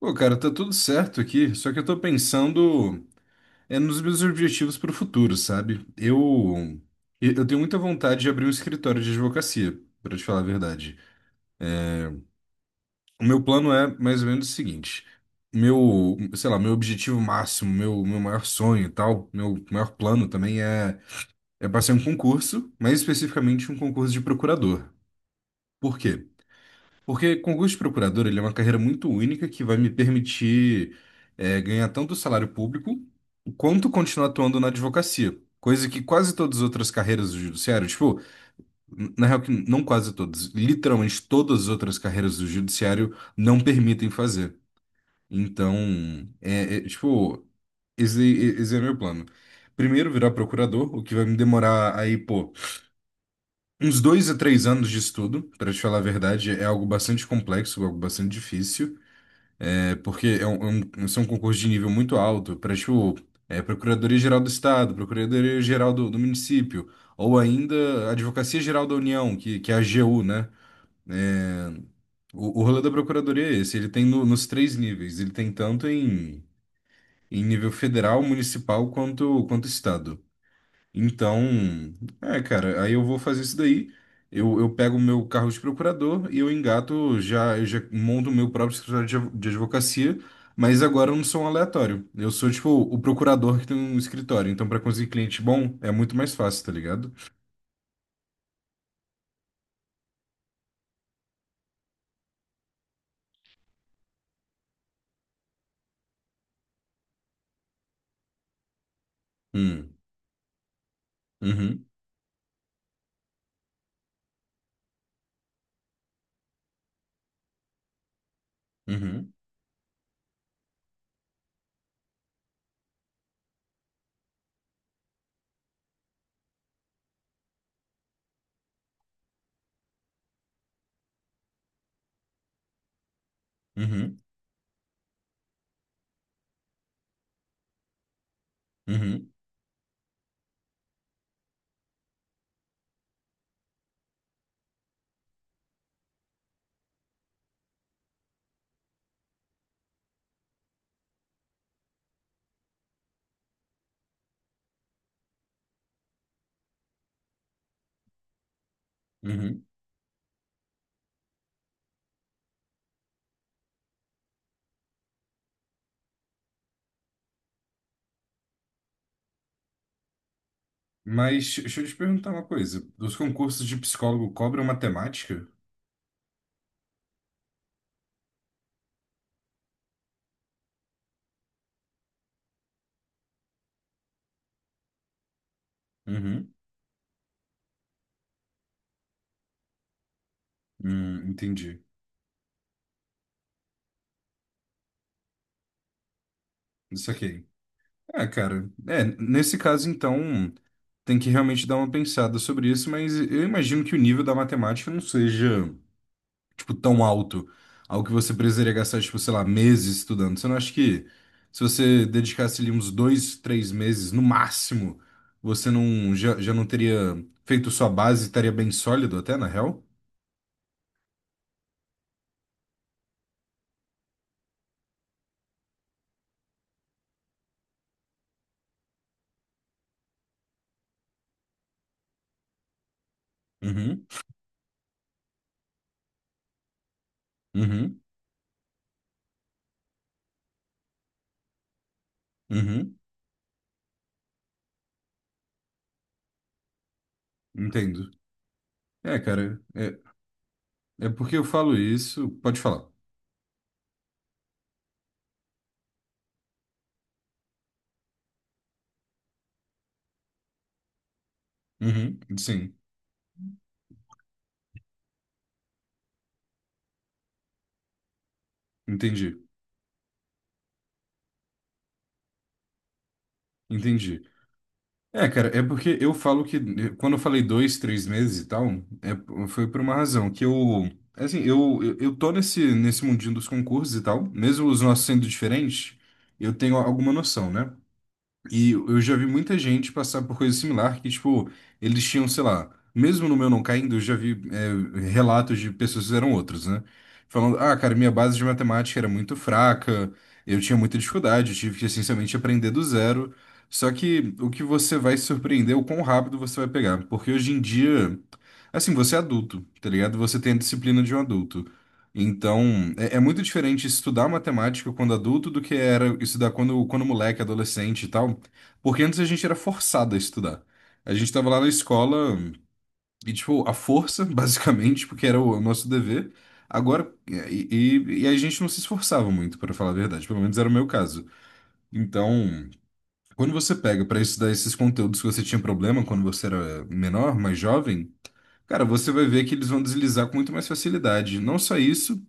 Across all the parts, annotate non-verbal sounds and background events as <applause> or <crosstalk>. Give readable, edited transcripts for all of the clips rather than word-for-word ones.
Pô, cara, tá tudo certo aqui, só que eu tô pensando nos meus objetivos pro futuro, sabe? Eu tenho muita vontade de abrir um escritório de advocacia, pra te falar a verdade. O meu plano é mais ou menos o seguinte: meu, sei lá, meu objetivo máximo, meu maior sonho e tal, meu maior plano também é passar em um concurso, mais especificamente um concurso de procurador. Por quê? Porque concurso de procurador, ele é uma carreira muito única que vai me permitir ganhar tanto salário público quanto continuar atuando na advocacia. Coisa que quase todas as outras carreiras do judiciário, tipo, na real que não quase todas, literalmente todas as outras carreiras do judiciário não permitem fazer. Então, tipo, esse, esse é meu plano. Primeiro virar procurador, o que vai me demorar aí, pô, uns dois a três anos de estudo, para te falar a verdade, é algo bastante complexo, algo bastante difícil. É porque são um concurso de nível muito alto para, tipo, Procuradoria-Geral do Estado, Procuradoria-Geral do município, ou ainda Advocacia-Geral da União, que é a AGU, né? É, o rolê da Procuradoria é esse, ele tem nos três níveis, ele tem tanto em, em nível federal, municipal, quanto Estado. Então, é, cara, aí eu vou fazer isso daí. Eu pego o meu carro de procurador e eu engato, já, eu já monto o meu próprio escritório de advocacia, mas agora eu não sou um aleatório. Eu sou, tipo, o procurador que tem um escritório. Então, para conseguir cliente bom, é muito mais fácil, tá ligado? Hum, uhum, uhum, uhum, uhum, uhum. Mas deixa eu te perguntar uma coisa. Os concursos de psicólogo cobram matemática? Uhum, entendi. Isso aqui. É, cara, é, nesse caso, então, tem que realmente dar uma pensada sobre isso, mas eu imagino que o nível da matemática não seja, tipo, tão alto, algo que você precisaria gastar, tipo, sei lá, meses estudando. Você não acha que se você dedicasse ali uns dois, três meses, no máximo, você não, já não teria feito sua base e estaria bem sólido até, na real? Uhum, uhum, uhum, entendo. É, cara, é porque eu falo isso, pode falar. Uhum, sim, entendi. Entendi. É, cara, é porque eu falo que quando eu falei dois, três meses e tal, foi por uma razão, que eu, assim, eu tô nesse mundinho dos concursos e tal, mesmo os nossos sendo diferentes, eu tenho alguma noção, né? E eu já vi muita gente passar por coisa similar, que, tipo, eles tinham, sei lá, mesmo no meu não caindo, eu já vi relatos de pessoas que fizeram outros, né? Falando, ah, cara, minha base de matemática era muito fraca, eu tinha muita dificuldade, eu tive que, essencialmente, aprender do zero. Só que o que você vai se surpreender é o quão rápido você vai pegar. Porque hoje em dia, assim, você é adulto, tá ligado? Você tem a disciplina de um adulto. Então, é muito diferente estudar matemática quando adulto do que era estudar quando moleque, adolescente e tal. Porque antes a gente era forçado a estudar. A gente tava lá na escola e, tipo, a força, <laughs> basicamente, porque era o nosso dever. Agora, e a gente não se esforçava muito, para falar a verdade. Pelo menos era o meu caso. Então, quando você pega para estudar esses conteúdos que você tinha problema quando você era menor, mais jovem, cara, você vai ver que eles vão deslizar com muito mais facilidade. Não só isso,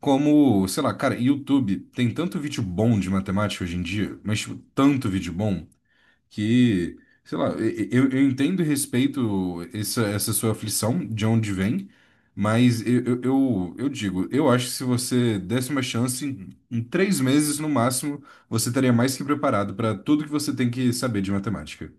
como, sei lá, cara, YouTube tem tanto vídeo bom de matemática hoje em dia, mas, tipo, tanto vídeo bom que, sei lá, eu entendo e respeito essa sua aflição, de onde vem, mas eu digo, eu acho que se você desse uma chance, em três meses no máximo, você estaria mais que preparado para tudo que você tem que saber de matemática.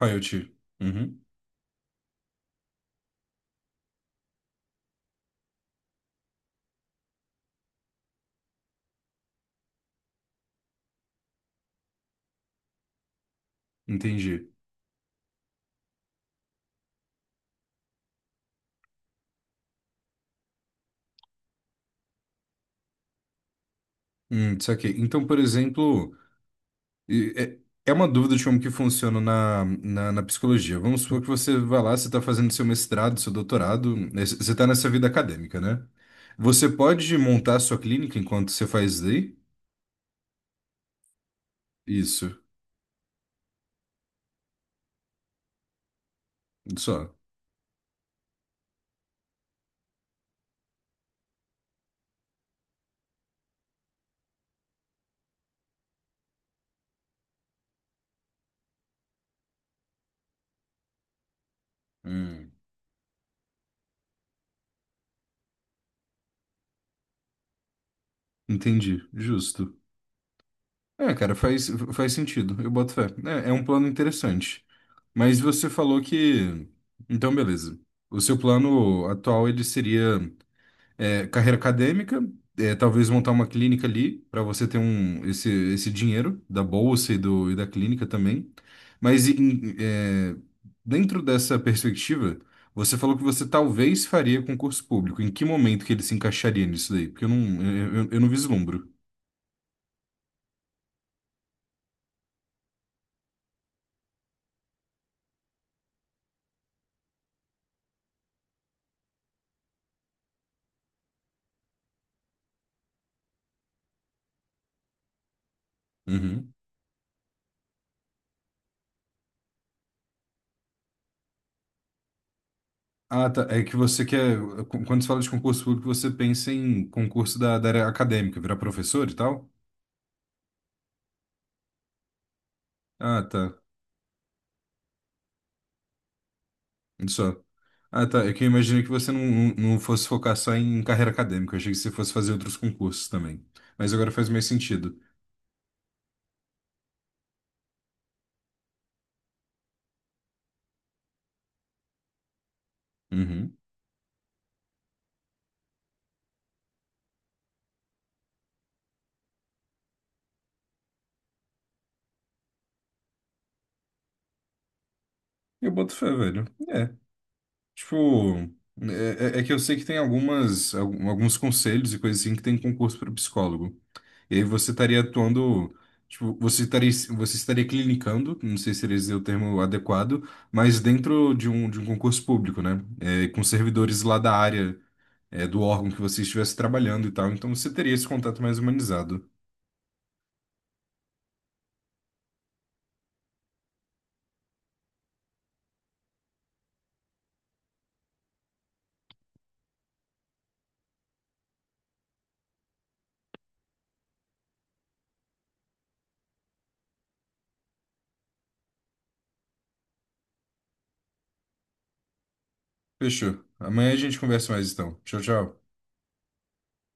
Ah, eu te. Uhum, entendi. Saquei. Então, por exemplo. É uma dúvida de como que funciona na psicologia. Vamos supor que você vai lá, você está fazendo seu mestrado, seu doutorado, né, você está nessa vida acadêmica, né? Você pode montar a sua clínica enquanto você faz lei? Isso, só. Hum. Entendi, justo. É, cara, faz sentido, eu boto fé. É, é um plano interessante. Mas você falou que... Então, beleza. O seu plano atual, ele seria é, carreira acadêmica, é, talvez montar uma clínica ali para você ter um esse dinheiro da bolsa e da clínica também. Mas é, dentro dessa perspectiva, você falou que você talvez faria concurso público. Em que momento que ele se encaixaria nisso daí? Porque eu não, eu não vislumbro. Uhum. Ah, tá. É que você quer. Quando você fala de concurso público, você pensa em concurso da área acadêmica, virar professor e tal? Ah, tá. Só. Ah, tá. É que eu imaginei que você não fosse focar só em carreira acadêmica. Eu achei que você fosse fazer outros concursos também. Mas agora faz mais sentido. Uhum. Eu boto fé, velho. É. Tipo, é que eu sei que tem algumas, alguns conselhos e coisas assim que tem concurso para psicólogo. E aí você estaria atuando. Tipo, você estaria clinicando, não sei se seria o termo adequado, mas dentro de um concurso público, né? É, com servidores lá da área é, do órgão que você estivesse trabalhando e tal. Então você teria esse contato mais humanizado. Fechou. Amanhã a gente conversa mais então. Tchau, tchau.